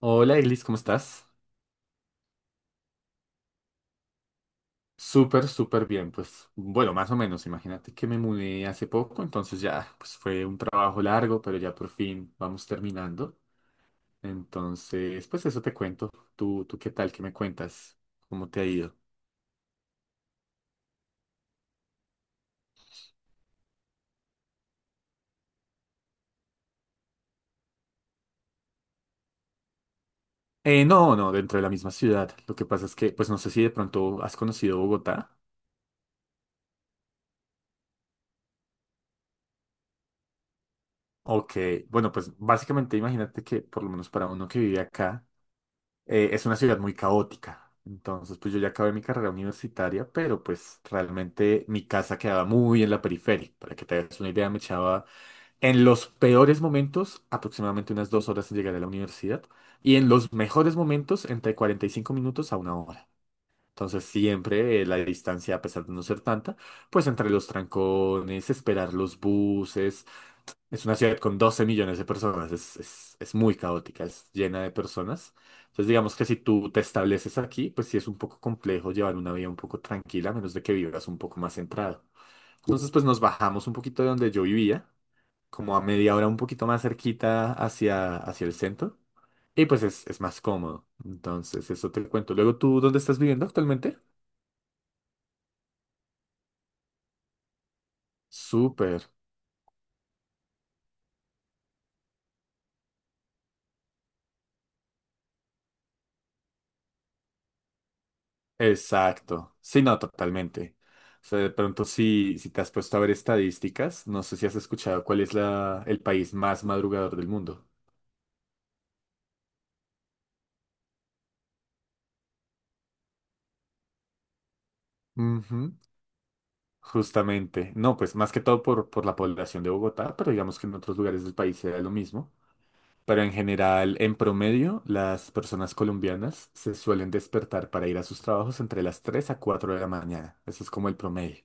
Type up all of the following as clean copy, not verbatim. Hola, Eglis, ¿cómo estás? Súper, súper bien, pues bueno, más o menos, imagínate que me mudé hace poco, entonces ya, pues fue un trabajo largo, pero ya por fin vamos terminando. Entonces, pues eso te cuento. ¿Tú qué tal? ¿Qué me cuentas? ¿Cómo te ha ido? No, no, dentro de la misma ciudad. Lo que pasa es que, pues no sé si de pronto has conocido Bogotá. Ok, bueno, pues básicamente imagínate que por lo menos para uno que vive acá, es una ciudad muy caótica. Entonces, pues yo ya acabé mi carrera universitaria, pero pues realmente mi casa quedaba muy en la periferia. Para que te hagas una idea, me echaba en los peores momentos aproximadamente unas 2 horas en llegar a la universidad y en los mejores momentos entre 45 minutos a una hora. Entonces, siempre la distancia, a pesar de no ser tanta, pues entre los trancones, esperar los buses, es una ciudad con 12 millones de personas, es muy caótica, es llena de personas. Entonces digamos que si tú te estableces aquí, pues sí es un poco complejo llevar una vida un poco tranquila, a menos de que vivas un poco más centrado. Entonces pues nos bajamos un poquito de donde yo vivía, como a media hora un poquito más cerquita hacia el centro, y pues es más cómodo. Entonces eso te cuento. Luego tú, ¿dónde estás viviendo actualmente? Súper. Exacto. Sí, no, totalmente. O sea, de pronto si te has puesto a ver estadísticas, no sé si has escuchado cuál es el país más madrugador del mundo. Ujú. Justamente. No, pues más que todo por la población de Bogotá, pero digamos que en otros lugares del país era lo mismo. Pero en general, en promedio, las personas colombianas se suelen despertar para ir a sus trabajos entre las 3 a 4 de la mañana. Eso es como el promedio.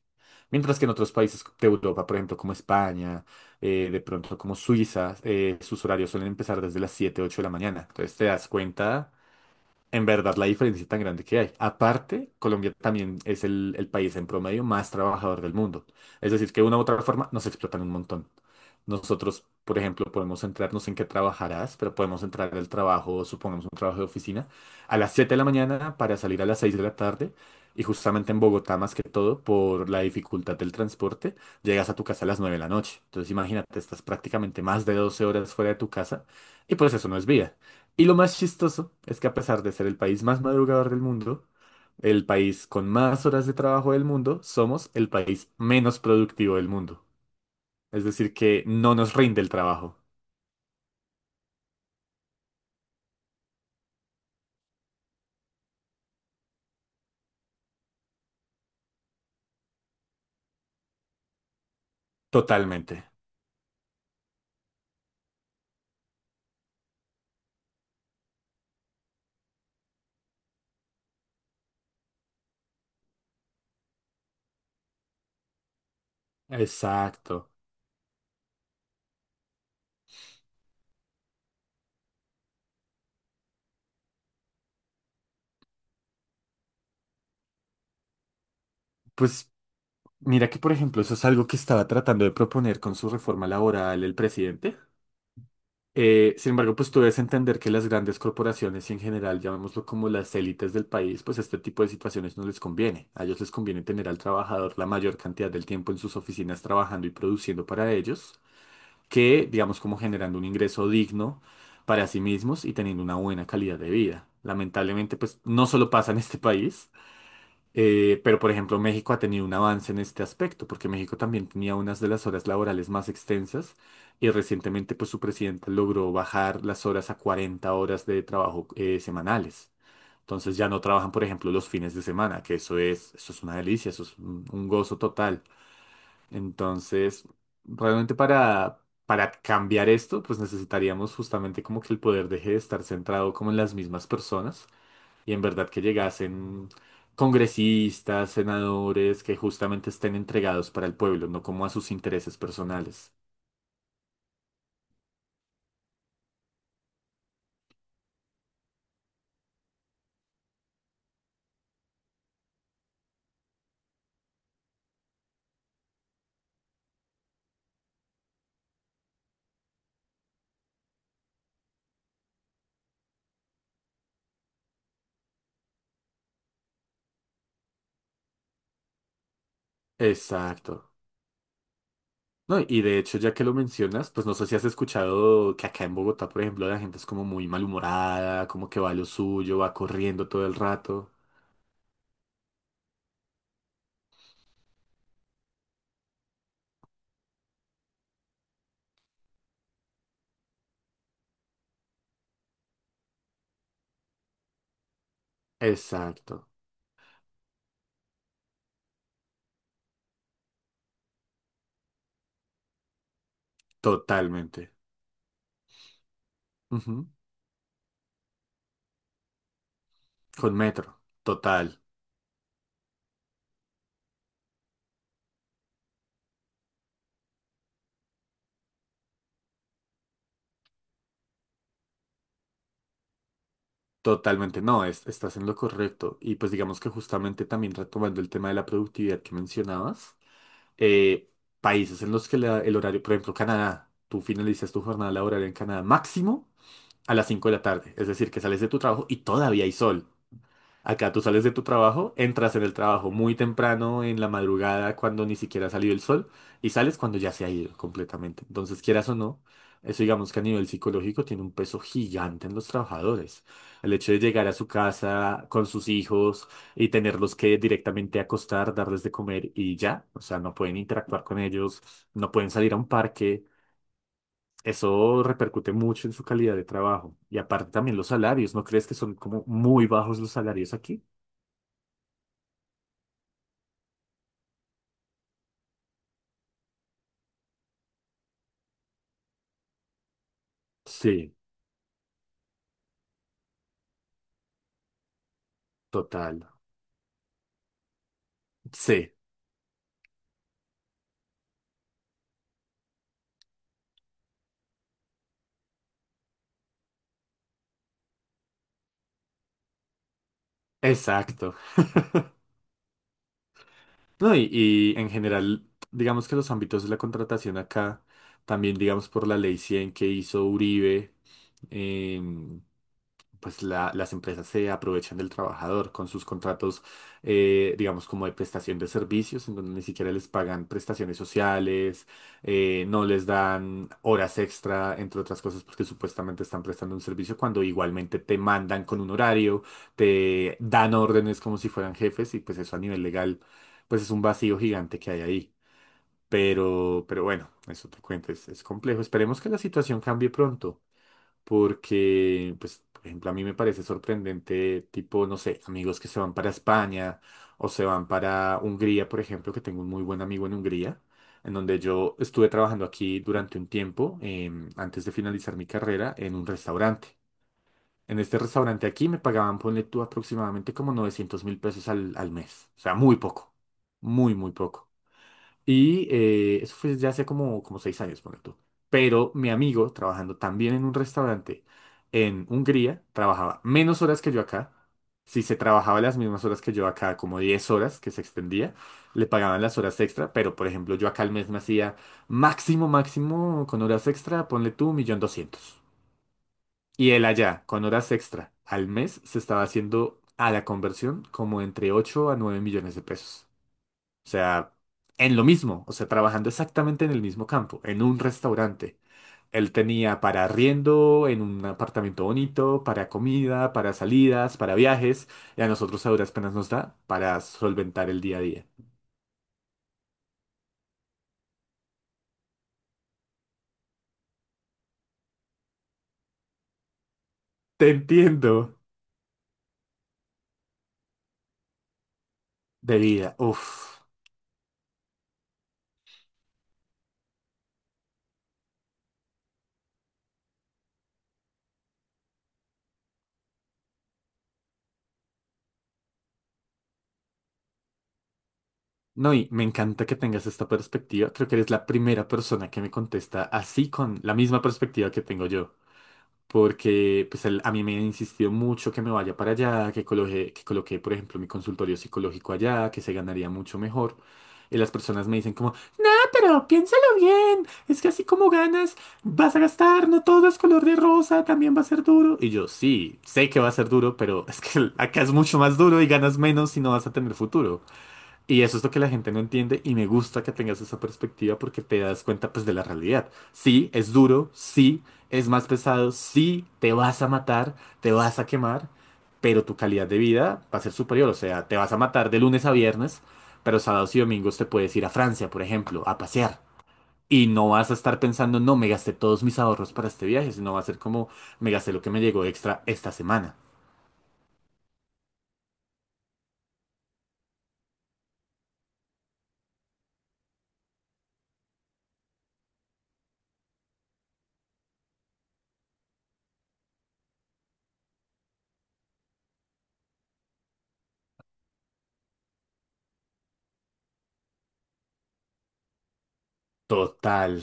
Mientras que en otros países de Europa, por ejemplo, como España, de pronto como Suiza, sus horarios suelen empezar desde las 7 8 de la mañana. Entonces te das cuenta en verdad, la diferencia tan grande que hay. Aparte, Colombia también es el país en promedio más trabajador del mundo. Es decir, que de una u otra forma nos explotan un montón. Nosotros, por ejemplo, podemos centrarnos en qué trabajarás, pero podemos entrar al trabajo, supongamos un trabajo de oficina, a las 7 de la mañana para salir a las 6 de la tarde. Y justamente en Bogotá, más que todo, por la dificultad del transporte, llegas a tu casa a las 9 de la noche. Entonces, imagínate, estás prácticamente más de 12 horas fuera de tu casa y pues eso no es vida. Y lo más chistoso es que a pesar de ser el país más madrugador del mundo, el país con más horas de trabajo del mundo, somos el país menos productivo del mundo. Es decir, que no nos rinde el trabajo. Totalmente. Exacto. Pues mira que, por ejemplo, eso es algo que estaba tratando de proponer con su reforma laboral el presidente. Sin embargo, pues tú debes entender que las grandes corporaciones y en general, llamémoslo como las élites del país, pues este tipo de situaciones no les conviene. A ellos les conviene tener al trabajador la mayor cantidad del tiempo en sus oficinas trabajando y produciendo para ellos, que digamos como generando un ingreso digno para sí mismos y teniendo una buena calidad de vida. Lamentablemente, pues no solo pasa en este país, pero, por ejemplo, México ha tenido un avance en este aspecto, porque México también tenía unas de las horas laborales más extensas y recientemente, pues, su presidente logró bajar las horas a 40 horas de trabajo semanales. Entonces ya no trabajan, por ejemplo, los fines de semana, que eso es una delicia, eso es un gozo total. Entonces, realmente para cambiar esto, pues necesitaríamos justamente como que el poder deje de estar centrado como en las mismas personas y en verdad que llegasen congresistas, senadores que justamente estén entregados para el pueblo, no como a sus intereses personales. Exacto. No, y de hecho, ya que lo mencionas, pues no sé si has escuchado que acá en Bogotá, por ejemplo, la gente es como muy malhumorada, como que va a lo suyo, va corriendo todo el rato. Exacto, totalmente. Ujú. Con metro, total, totalmente. No, estás en lo correcto. Y pues digamos que justamente también retomando el tema de la productividad que mencionabas. eh, países en los que el horario, por ejemplo, Canadá, tú finalizas tu jornada laboral en Canadá máximo a las 5 de la tarde, es decir, que sales de tu trabajo y todavía hay sol. Acá tú sales de tu trabajo, entras en el trabajo muy temprano en la madrugada cuando ni siquiera ha salido el sol y sales cuando ya se ha ido completamente. Entonces, quieras o no, eso digamos que a nivel psicológico tiene un peso gigante en los trabajadores. El hecho de llegar a su casa con sus hijos y tenerlos que directamente acostar, darles de comer y ya, o sea, no pueden interactuar con ellos, no pueden salir a un parque. Eso repercute mucho en su calidad de trabajo. Y aparte también los salarios, ¿no crees que son como muy bajos los salarios aquí? Sí, total. Sí, exacto. No, y en general, digamos que los ámbitos de la contratación acá, también digamos por la ley 100 que hizo Uribe, eh, pues las empresas se aprovechan del trabajador con sus contratos, digamos, como de prestación de servicios, en donde ni siquiera les pagan prestaciones sociales, no les dan horas extra, entre otras cosas, porque supuestamente están prestando un servicio cuando igualmente te mandan con un horario, te dan órdenes como si fueran jefes y pues eso a nivel legal, pues es un vacío gigante que hay ahí. Pero bueno, eso te cuento, es complejo. Esperemos que la situación cambie pronto porque, pues, por ejemplo, a mí me parece sorprendente, tipo, no sé, amigos que se van para España o se van para Hungría, por ejemplo, que tengo un muy buen amigo en Hungría, en donde yo estuve trabajando aquí durante un tiempo, antes de finalizar mi carrera, en un restaurante. En este restaurante aquí me pagaban, ponle tú, aproximadamente como 900 mil pesos al mes. O sea, muy poco. Muy, muy poco. Y eso fue ya hace como 6 años, ponle tú. Pero mi amigo, trabajando también en un restaurante en Hungría, trabajaba menos horas que yo acá. Si se trabajaba las mismas horas que yo acá, como 10 horas que se extendía, le pagaban las horas extra. Pero, por ejemplo, yo acá al mes me hacía máximo, máximo con horas extra, ponle tú, un millón doscientos. Y él allá, con horas extra al mes, se estaba haciendo a la conversión como entre 8 a 9 millones de pesos. O sea, en lo mismo, o sea, trabajando exactamente en el mismo campo, en un restaurante. Él tenía para arriendo, en un apartamento bonito, para comida, para salidas, para viajes, y a nosotros a duras penas nos da para solventar el día a día. Te entiendo. De vida, uff. No, y me encanta que tengas esta perspectiva. Creo que eres la primera persona que me contesta así con la misma perspectiva que tengo yo. Porque pues a mí me insistió mucho que me vaya para allá, que coloque, por ejemplo, mi consultorio psicológico allá, que se ganaría mucho mejor. Y las personas me dicen como, ah, pero piénsalo bien, es que así como ganas, vas a gastar, no todo es color de rosa, también va a ser duro. Y yo, sí, sé que va a ser duro, pero es que acá es mucho más duro y ganas menos y no vas a tener futuro. Y eso es lo que la gente no entiende y me gusta que tengas esa perspectiva porque te das cuenta pues de la realidad. Sí, es duro, sí, es más pesado, sí, te vas a matar, te vas a quemar, pero tu calidad de vida va a ser superior. O sea, te vas a matar de lunes a viernes, pero sábados y domingos te puedes ir a Francia, por ejemplo, a pasear. Y no vas a estar pensando, no, me gasté todos mis ahorros para este viaje, sino va a ser como, me gasté lo que me llegó extra esta semana. Total.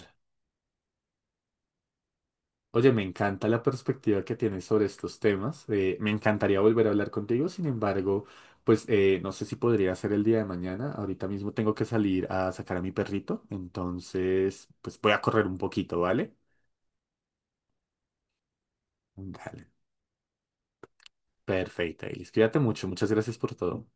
Oye, me encanta la perspectiva que tienes sobre estos temas. Me encantaría volver a hablar contigo. Sin embargo, pues no sé si podría ser el día de mañana. Ahorita mismo tengo que salir a sacar a mi perrito. Entonces, pues voy a correr un poquito, ¿vale? Dale. Perfecto, Elis. Cuídate mucho. Muchas gracias por todo.